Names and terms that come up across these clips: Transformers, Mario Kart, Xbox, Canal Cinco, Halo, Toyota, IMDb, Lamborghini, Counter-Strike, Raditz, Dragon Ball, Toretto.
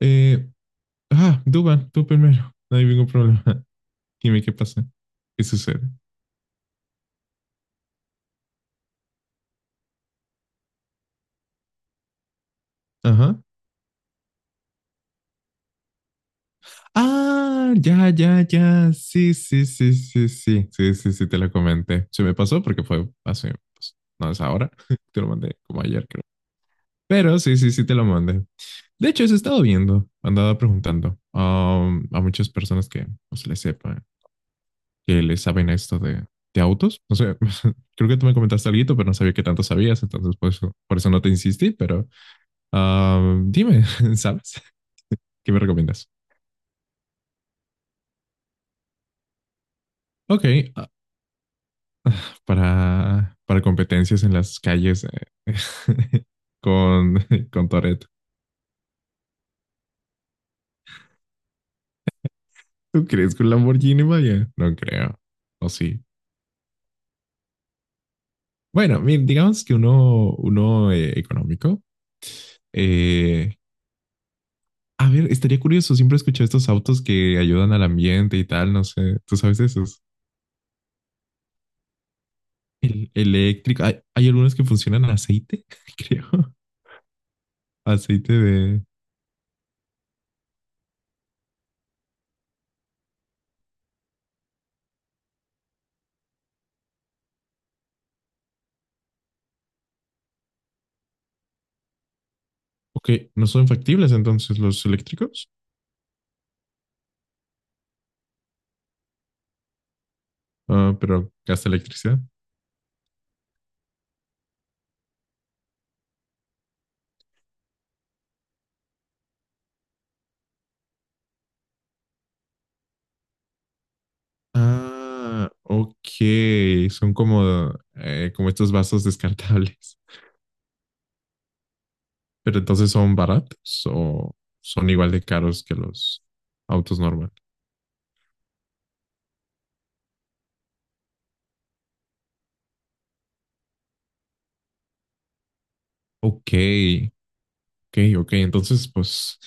Eh, Duban, tú primero. No hay ningún problema. Dime qué pasa. ¿Qué sucede? Ajá. Ah, ya, ya, ya. Sí, sí, sí, sí, sí. Sí, sí, sí, te lo comenté. Se me pasó porque fue hace, pues, no es ahora. Te lo mandé como ayer, creo. Pero sí, sí, sí, te lo mandé. De hecho, eso he estado viendo, andaba preguntando a muchas personas que pues, le sepan, que le saben esto de autos. No sé, creo que tú me comentaste algo, pero no sabía qué tanto sabías, entonces por eso no te insistí, pero ah, dime, ¿sabes? ¿Qué me recomiendas? Ok, ah, para competencias en las calles con, con Toretto. ¿Tú crees que un Lamborghini vaya? No creo. ¿O sí? Bueno, mira, digamos que uno, uno económico. Eh, a ver, estaría curioso. Siempre escuché estos autos que ayudan al ambiente y tal. No sé, ¿tú sabes de esos? El, eléctrico. Hay algunos que funcionan a aceite, creo. Aceite de, ok, no son factibles entonces los eléctricos. Ah, pero gasta electricidad. Ah, ok, son como, como estos vasos descartables, pero entonces son baratos o son igual de caros que los autos normales. Ok, ok, ok, entonces pues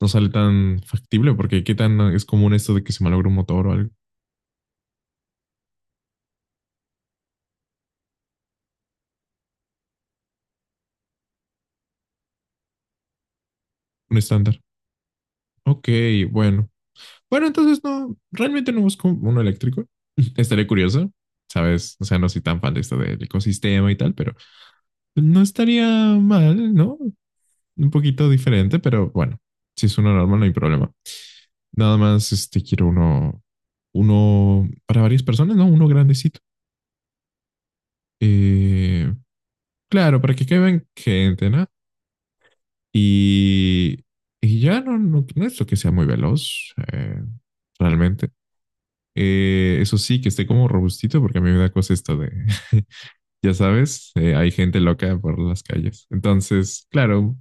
no sale tan factible porque qué tan es común esto de que se malogre un motor o algo, un estándar. Ok, bueno. Bueno, entonces no, realmente no busco uno eléctrico. Estaré curioso, ¿sabes? O sea, no soy tan fan de esto del ecosistema y tal, pero no estaría mal, ¿no? Un poquito diferente, pero bueno, si es uno normal no hay problema. Nada más, este, quiero uno, uno para varias personas, ¿no? Uno grandecito. Eh, claro, para que queden gente, ¿no? Y, y ya no, no, no es lo que sea muy veloz, realmente. Eso sí, que esté como robustito, porque a mí me da cosa esto de, ya sabes, hay gente loca por las calles. Entonces, claro,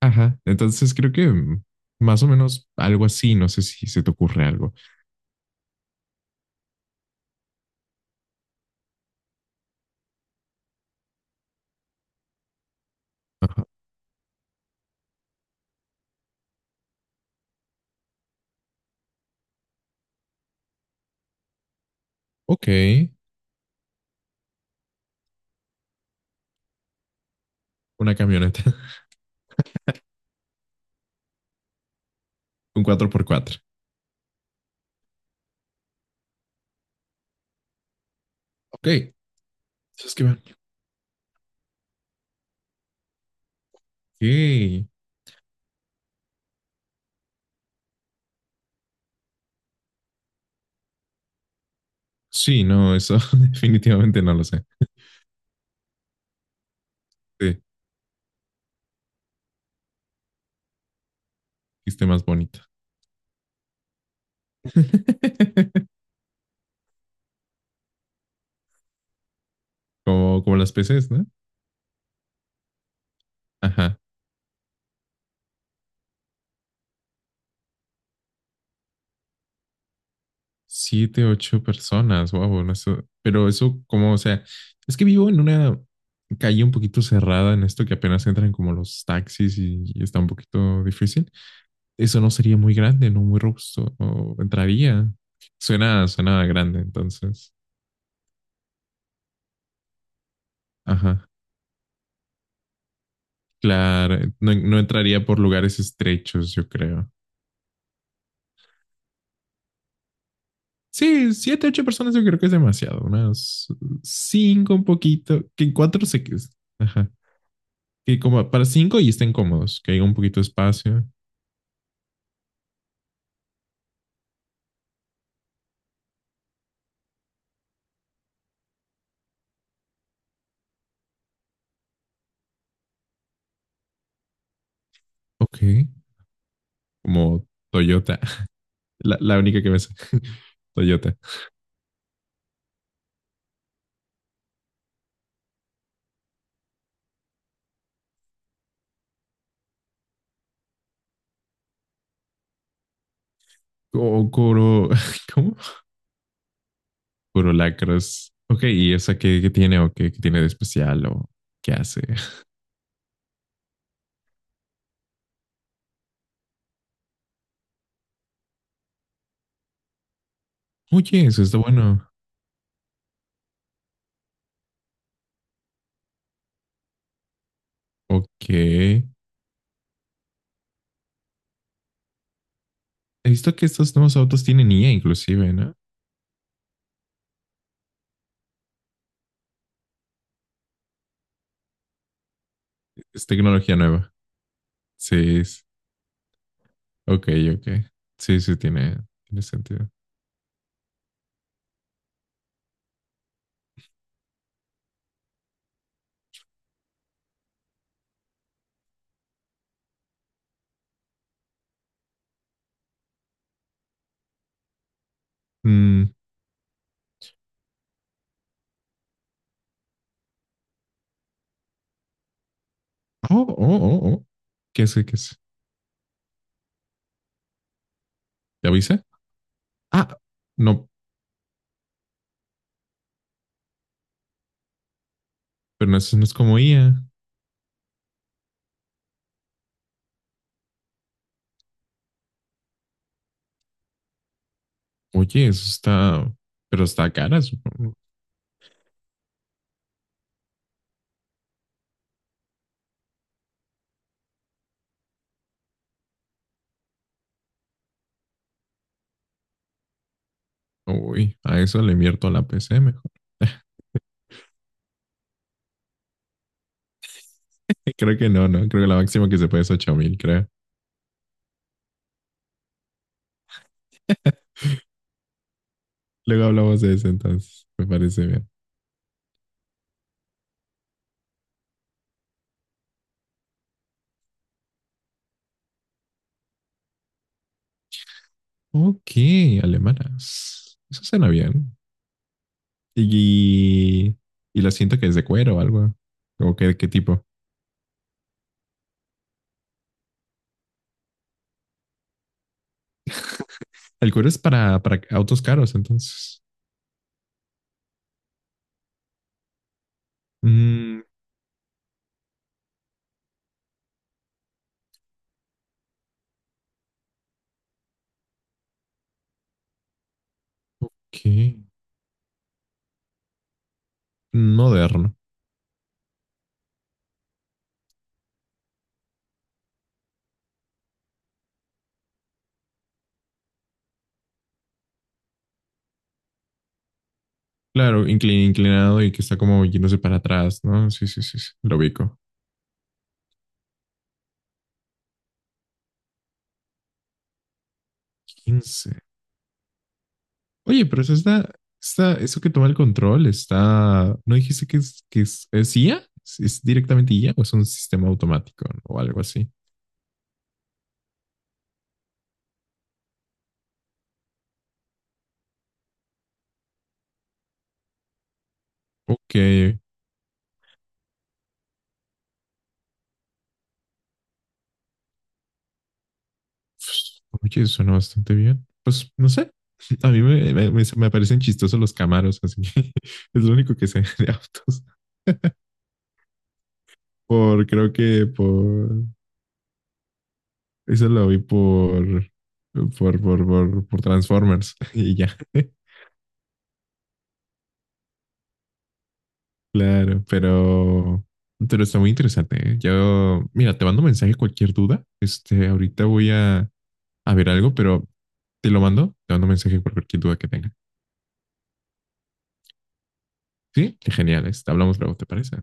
ajá. Entonces creo que más o menos algo así, no sé si se te ocurre algo. Ajá. Ok, una camioneta, un cuatro por cuatro. Ok, eso es que van. Ok. Sí, no, eso definitivamente no lo sé. Sí, dijiste más bonito. Como, como las PCs, ¿no? Ajá. Siete, ocho personas, wow, no sé, pero eso como, o sea, es que vivo en una calle un poquito cerrada en esto que apenas entran como los taxis y está un poquito difícil. Eso no sería muy grande, no muy robusto, o entraría. Suena, suena grande, entonces. Ajá, claro, no, no entraría por lugares estrechos, yo creo. Sí, siete, ocho personas yo creo que es demasiado, unas cinco un poquito, que en cuatro se... Ajá. Que como para cinco y estén cómodos, que haya un poquito de espacio. Ok, como Toyota, la única que me sé. Toyota. O Coro, ¿cómo? Corolacros. Ok, y esa que tiene o que tiene de especial o qué hace. Oye, eso está bueno. Ok. He visto que estos nuevos autos tienen IA inclusive, ¿no? Es tecnología nueva. Sí, es- ok, ok. Sí, sí, tiene, tiene sentido. Mm. Oh, oh, oh, oh. ¿Qué es? ¿Qué es? ¿Ya avisa? Ah, no, pero eso no es como IA. Oye, eso está, pero está cara, supongo. Uy, a eso le invierto a la PC mejor. Creo que no, no. Creo que la máxima que se puede es 8000, creo. Luego hablamos de eso entonces. Me parece bien. Ok, alemanas. Eso suena bien. Y, y la siento que es de cuero o algo. ¿O qué, qué tipo? El cuero es para autos caros, entonces. Mm, ok. Moderno. Claro, inclin- inclinado y que está como yéndose para atrás, ¿no? Sí, sí, sí, sí, lo ubico. 15. Oye, pero eso está, está, eso que toma el control está, ¿no dijiste que es IA? Es directamente IA o es un sistema automático, ¿no? o algo así? Ok. Oye, suena bastante bien. Pues no sé. A mí me, me- me- me parecen chistosos los camaros, así que es lo único que sé de autos. Por, creo que por, eso lo vi por, por Transformers y ya. Claro, pero está muy interesante, ¿eh? Yo, mira, te mando mensaje cualquier duda. Este, ahorita voy a ver algo, pero te lo mando, te mando mensaje por cualquier duda que tenga. Sí, qué genial, este, hablamos luego, ¿te parece?